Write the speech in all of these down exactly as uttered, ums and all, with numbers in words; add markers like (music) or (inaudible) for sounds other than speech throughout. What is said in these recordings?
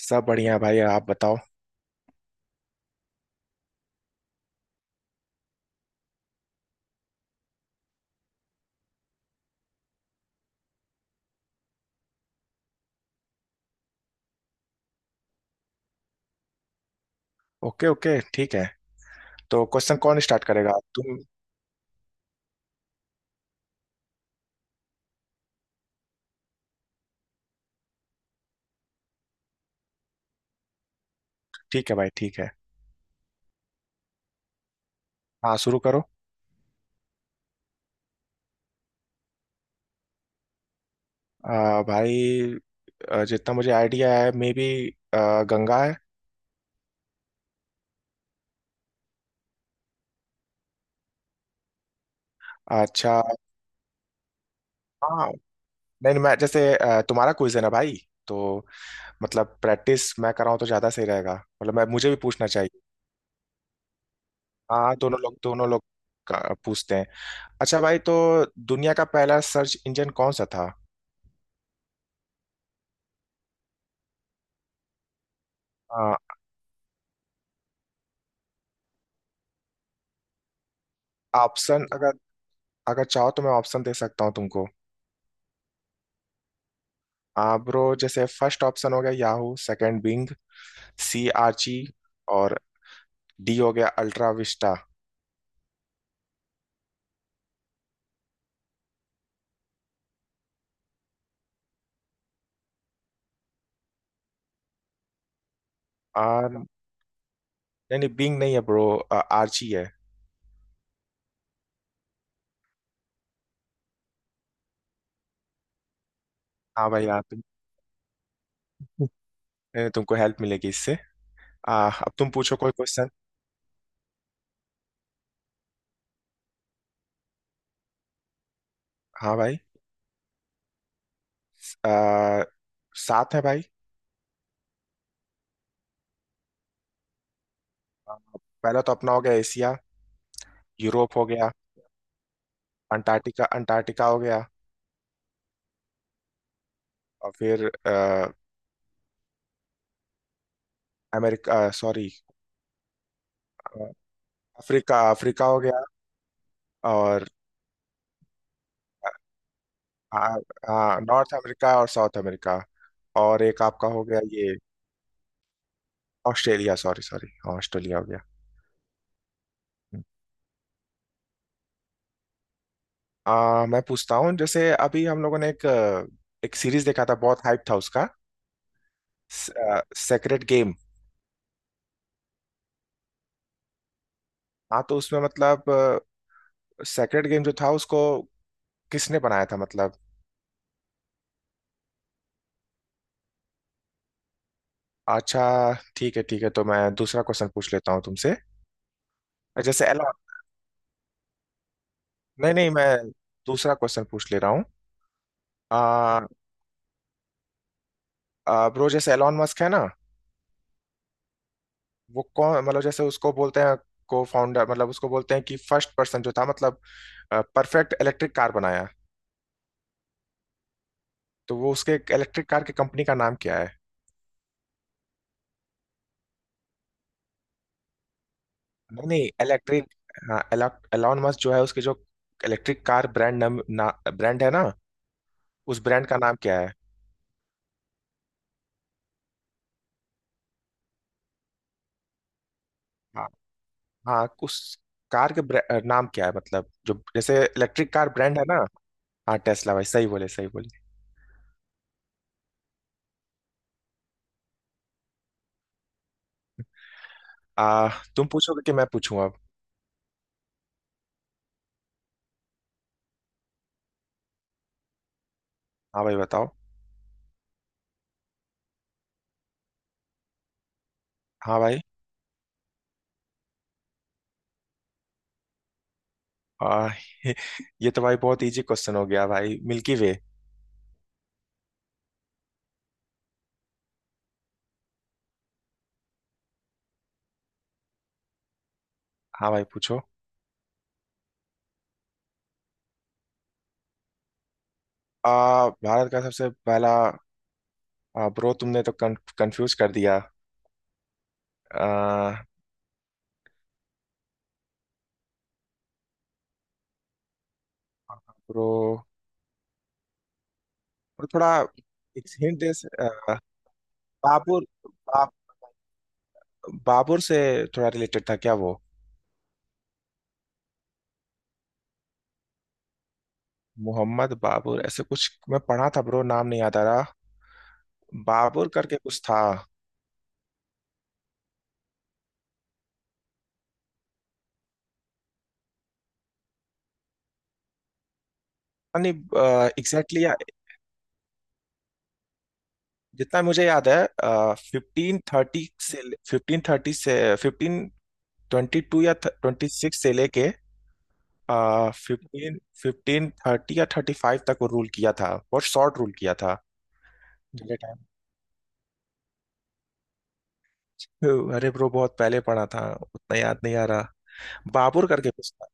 सब बढ़िया भाई, आप बताओ। ओके ओके, ठीक है। तो क्वेश्चन कौन स्टार्ट करेगा? तुम? ठीक है भाई, ठीक है। हाँ, शुरू करो। आ, भाई। आ, जितना मुझे आइडिया है, मे बी गंगा है। अच्छा। हाँ। नहीं नहीं, मैं जैसे आ, तुम्हारा क्विज है ना भाई, तो मतलब प्रैक्टिस मैं कराऊँ तो ज़्यादा सही रहेगा। मतलब मैं, मुझे भी पूछना चाहिए। हाँ, दोनों लोग दोनों लोग का- पूछते हैं। अच्छा भाई, तो दुनिया का पहला सर्च इंजन कौन सा था? आ, ऑप्शन अगर अगर चाहो तो मैं ऑप्शन दे सकता हूँ तुमको। आ, ब्रो, जैसे फर्स्ट ऑप्शन हो गया Yahoo, second Bing, C Archie, और डी हो गया अल्ट्रा विस्टा। आ, नहीं नहीं, बिंग नहीं है ब्रो। आ, आर्ची है। हाँ भाई हाँ, तुम, नहीं, तुमको हेल्प मिलेगी इससे। आ, अब तुम पूछो कोई क्वेश्चन। हाँ भाई। आ, सात है भाई। आ, पहला तो अपना हो गया एशिया। यूरोप हो गया। अंटार्कटिका अंटार्कटिका हो गया। और फिर अ, अमेरिका, सॉरी, अफ्रीका अफ्रीका हो गया। और हाँ, हाँ, नॉर्थ अमेरिका और साउथ अमेरिका। और एक आपका हो गया ये, ऑस्ट्रेलिया। सॉरी सॉरी, हाँ, ऑस्ट्रेलिया हो गया। आ, मैं पूछता हूँ। जैसे अभी हम लोगों ने एक अ, एक सीरीज देखा था, बहुत हाइप था उसका, सेक्रेट गेम। हाँ, तो उसमें मतलब सेक्रेट गेम जो था उसको किसने बनाया था मतलब? अच्छा, ठीक है ठीक है, तो मैं दूसरा क्वेश्चन पूछ लेता हूँ तुमसे। जैसे एलन नहीं नहीं, मैं दूसरा क्वेश्चन पूछ ले रहा हूँ। आ, आ, ब्रो, जैसे एलॉन मस्क है ना, वो कौन मतलब, जैसे उसको बोलते हैं को फाउंडर, मतलब उसको बोलते हैं कि फर्स्ट पर्सन जो था मतलब परफेक्ट इलेक्ट्रिक कार बनाया। तो वो उसके इलेक्ट्रिक कार की कंपनी का नाम क्या है? नहीं नहीं, इलेक्ट्रिक, हाँ, एलॉन मस्क जो है उसके जो इलेक्ट्रिक कार ब्रांड, नाम ना, ब्रांड है ना, उस ब्रांड का नाम क्या है? हाँ हाँ, उस कार के ब्रा- नाम क्या है, मतलब जो जैसे इलेक्ट्रिक कार ब्रांड है ना। हाँ टेस्ला भाई, सही बोले सही बोले। आ, तुम पूछोगे कि मैं पूछूं अब? हाँ भाई बताओ। हाँ भाई, आ, (laughs) ये तो भाई बहुत इजी क्वेश्चन हो गया भाई, मिल्की वे। हाँ भाई पूछो। आ, भारत का सबसे पहला, आ, ब्रो, तुमने तो कं, कंफ्यूज कर दिया। आ, ब्रो, और थोड़ा एक हिंट दे स- आ, बाबुर, बा, बाबुर से थोड़ा रिलेटेड था क्या वो? मोहम्मद बाबुर ऐसे कुछ मैं पढ़ा था ब्रो, नाम नहीं याद आ रहा। बाबुर करके कुछ था। नहीं, एग्जैक्टली जितना मुझे याद है फिफ्टीन थर्टी से फिफ्टीन थर्टी से फिफ्टीन ट्वेंटी टू या ट्वेंटी सिक्स से लेके फिफ्टीन फिफ्टीन थर्टी या थर्टी फाइव तक वो रूल किया था, बहुत शॉर्ट रूल किया था। मेरे टाइम, अरे ब्रो, बहुत पहले पढ़ा था, उतना याद नहीं आ रहा। बाबर करके कुछ था।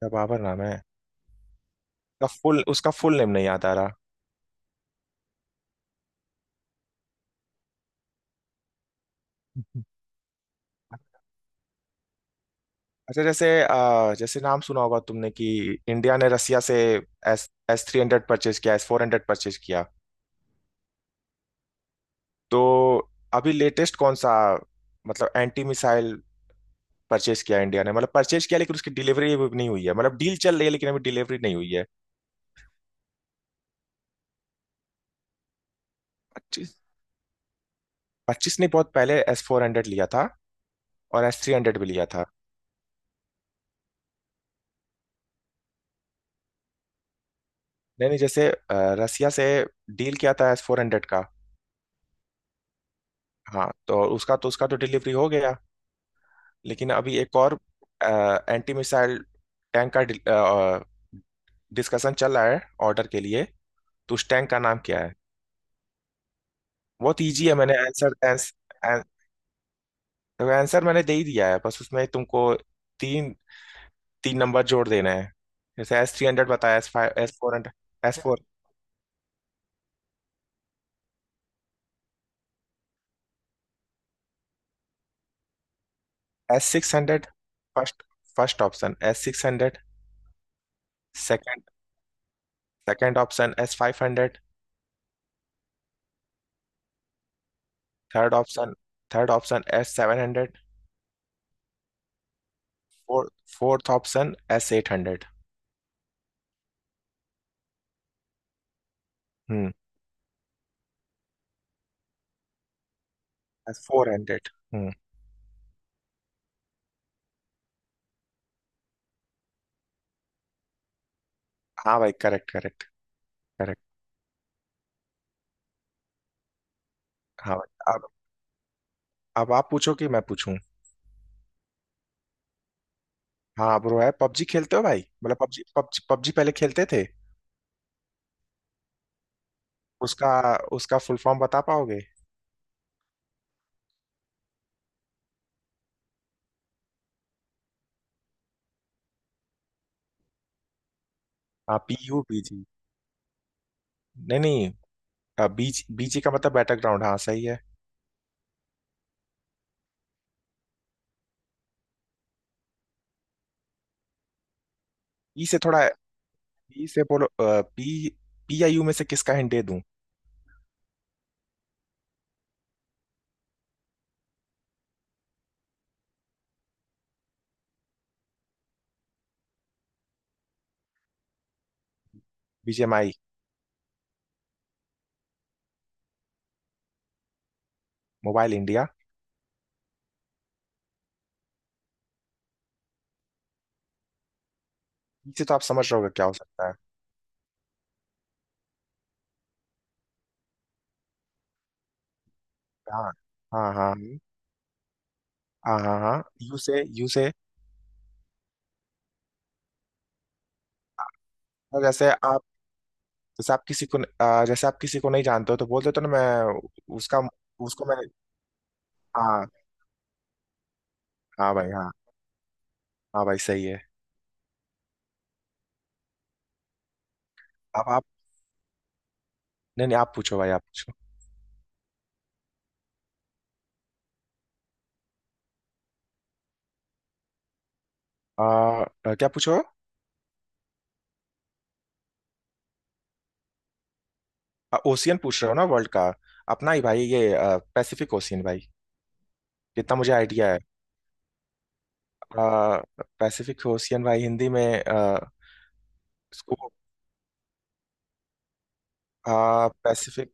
क्या बाबर नाम है? उसका फुल उसका फुल नेम नहीं याद आ रहा। (laughs) अच्छा, जैसे अ, जैसे नाम सुना होगा तुमने कि इंडिया ने रसिया से S S three hundred purchase किया, एस फोर हंड्रेड परचेज किया। तो अभी लेटेस्ट कौन सा, मतलब एंटी मिसाइल परचेज किया इंडिया ने, मतलब परचेज किया लेकिन उसकी डिलीवरी अभी नहीं हुई है, मतलब डील चल रही है लेकिन अभी डिलीवरी नहीं हुई है। पच्चीस पच्चीस ने बहुत पहले एस फोर हंड्रेड लिया था, और एस थ्री हंड्रेड भी लिया था। नहीं नहीं, जैसे अ, रसिया से डील किया था एस फोर हंड्रेड का। हाँ, तो उसका तो उसका तो डिलीवरी हो गया, लेकिन अभी एक और एंटी मिसाइल टैंक का डिस्कशन चल रहा है ऑर्डर के लिए। तो उस टैंक का नाम क्या है? बहुत ईजी है, मैंने आंसर तो आंसर मैंने दे ही दिया है, बस उसमें तुमको तीन तीन नंबर जोड़ देना है। जैसे एस थ्री हंड्रेड बताया, S five, S four hundred, S four, S six hundred. First first option S six hundred. Second second option S five hundred. Third option third option S seven hundred. Fourth fourth option S eight hundred. Hmm. S four hundred. Hmm. हाँ भाई, correct correct correct. हाँ भाई, अब अब आप पूछो कि मैं पूछूं। हाँ ब्रो, है? पबजी खेलते हो भाई, मतलब पबजी पबजी पबजी पहले खेलते थे। उसका उसका फुल फॉर्म बता पाओगे? हाँ, पी यू बी जी। नहीं नहीं, बीच, बीजी का मतलब बैटरग्राउंड, हाँ सही है। पी से थोड़ा, पी से बोलो पी, पी आई यू में से किसका हिंट दे दूं? बी जी एम आई, मोबाइल इंडिया। पी से तो आप समझ रहोगे क्या हो सकता है। हाँ हाँ हाँ, हाँ हाँ हाँ, यू से यू से तो जैसे आप जैसे आप किसी को न- अ, जैसे आप किसी को नहीं जानते हो तो बोल देते हो ना, मैं, उसका उसको मैं। हाँ हाँ भाई, हाँ हाँ भाई, सही है। अब आप, नहीं नहीं, आप पूछो भाई, आप पूछो। अ, क्या पूछो? ओशियन पूछ रहे हो ना, वर्ल्ड का? अपना ही भाई ये, पैसिफिक ओशियन भाई। जितना मुझे आइडिया है पैसिफिक ओशियन भाई। हिंदी में आ, इसको पैसिफिक,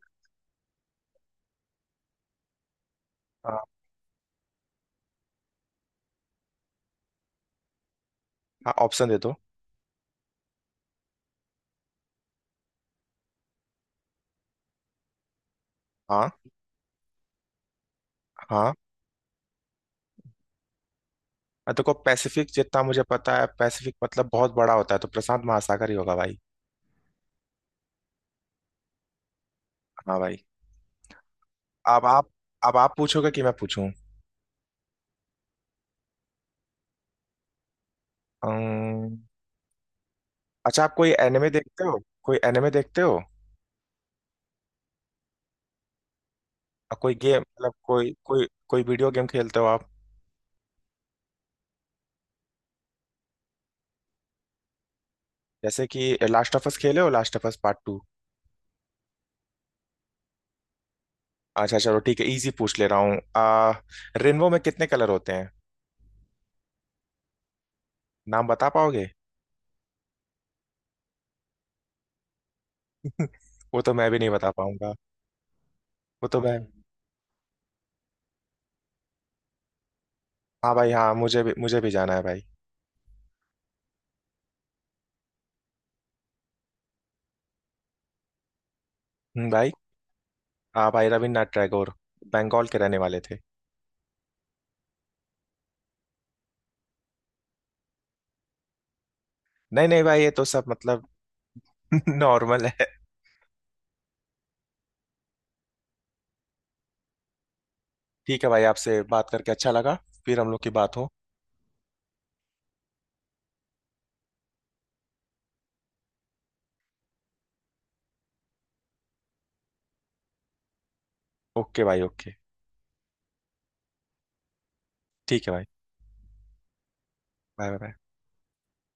ऑप्शन दे दो। हाँ हाँ। आ, देखो, पैसिफिक जितना मुझे पता है, पैसिफिक मतलब बहुत बड़ा होता है, तो प्रशांत महासागर ही होगा भाई। हाँ भाई। अब आप अब आप पूछोगे कि मैं पूछूं? अम्म, अच्छा, आप कोई एनिमे देखते हो? कोई एनिमे देखते हो? आ, कोई गेम मतलब, कोई कोई कोई वीडियो गेम खेलते हो आप? जैसे कि लास्ट ऑफ अस खेले हो? Last of us part two? अच्छा चलो ठीक है, इजी पूछ ले रहा हूँ। आ रेनबो में कितने कलर होते हैं? नाम बता पाओगे? (laughs) वो तो मैं भी नहीं बता पाऊंगा। वो तो मैं, हाँ भाई हाँ, मुझे भी मुझे भी जाना है भाई। हम्म, भाई, हाँ भाई, रविन्द्रनाथ टैगोर, बंगाल के रहने वाले थे। नहीं नहीं भाई, ये तो सब मतलब (laughs) नॉर्मल है। ठीक है भाई, आपसे बात करके अच्छा लगा। फिर हम लोग की बात हो। ओके भाई ओके। ठीक है भाई। Bye bye.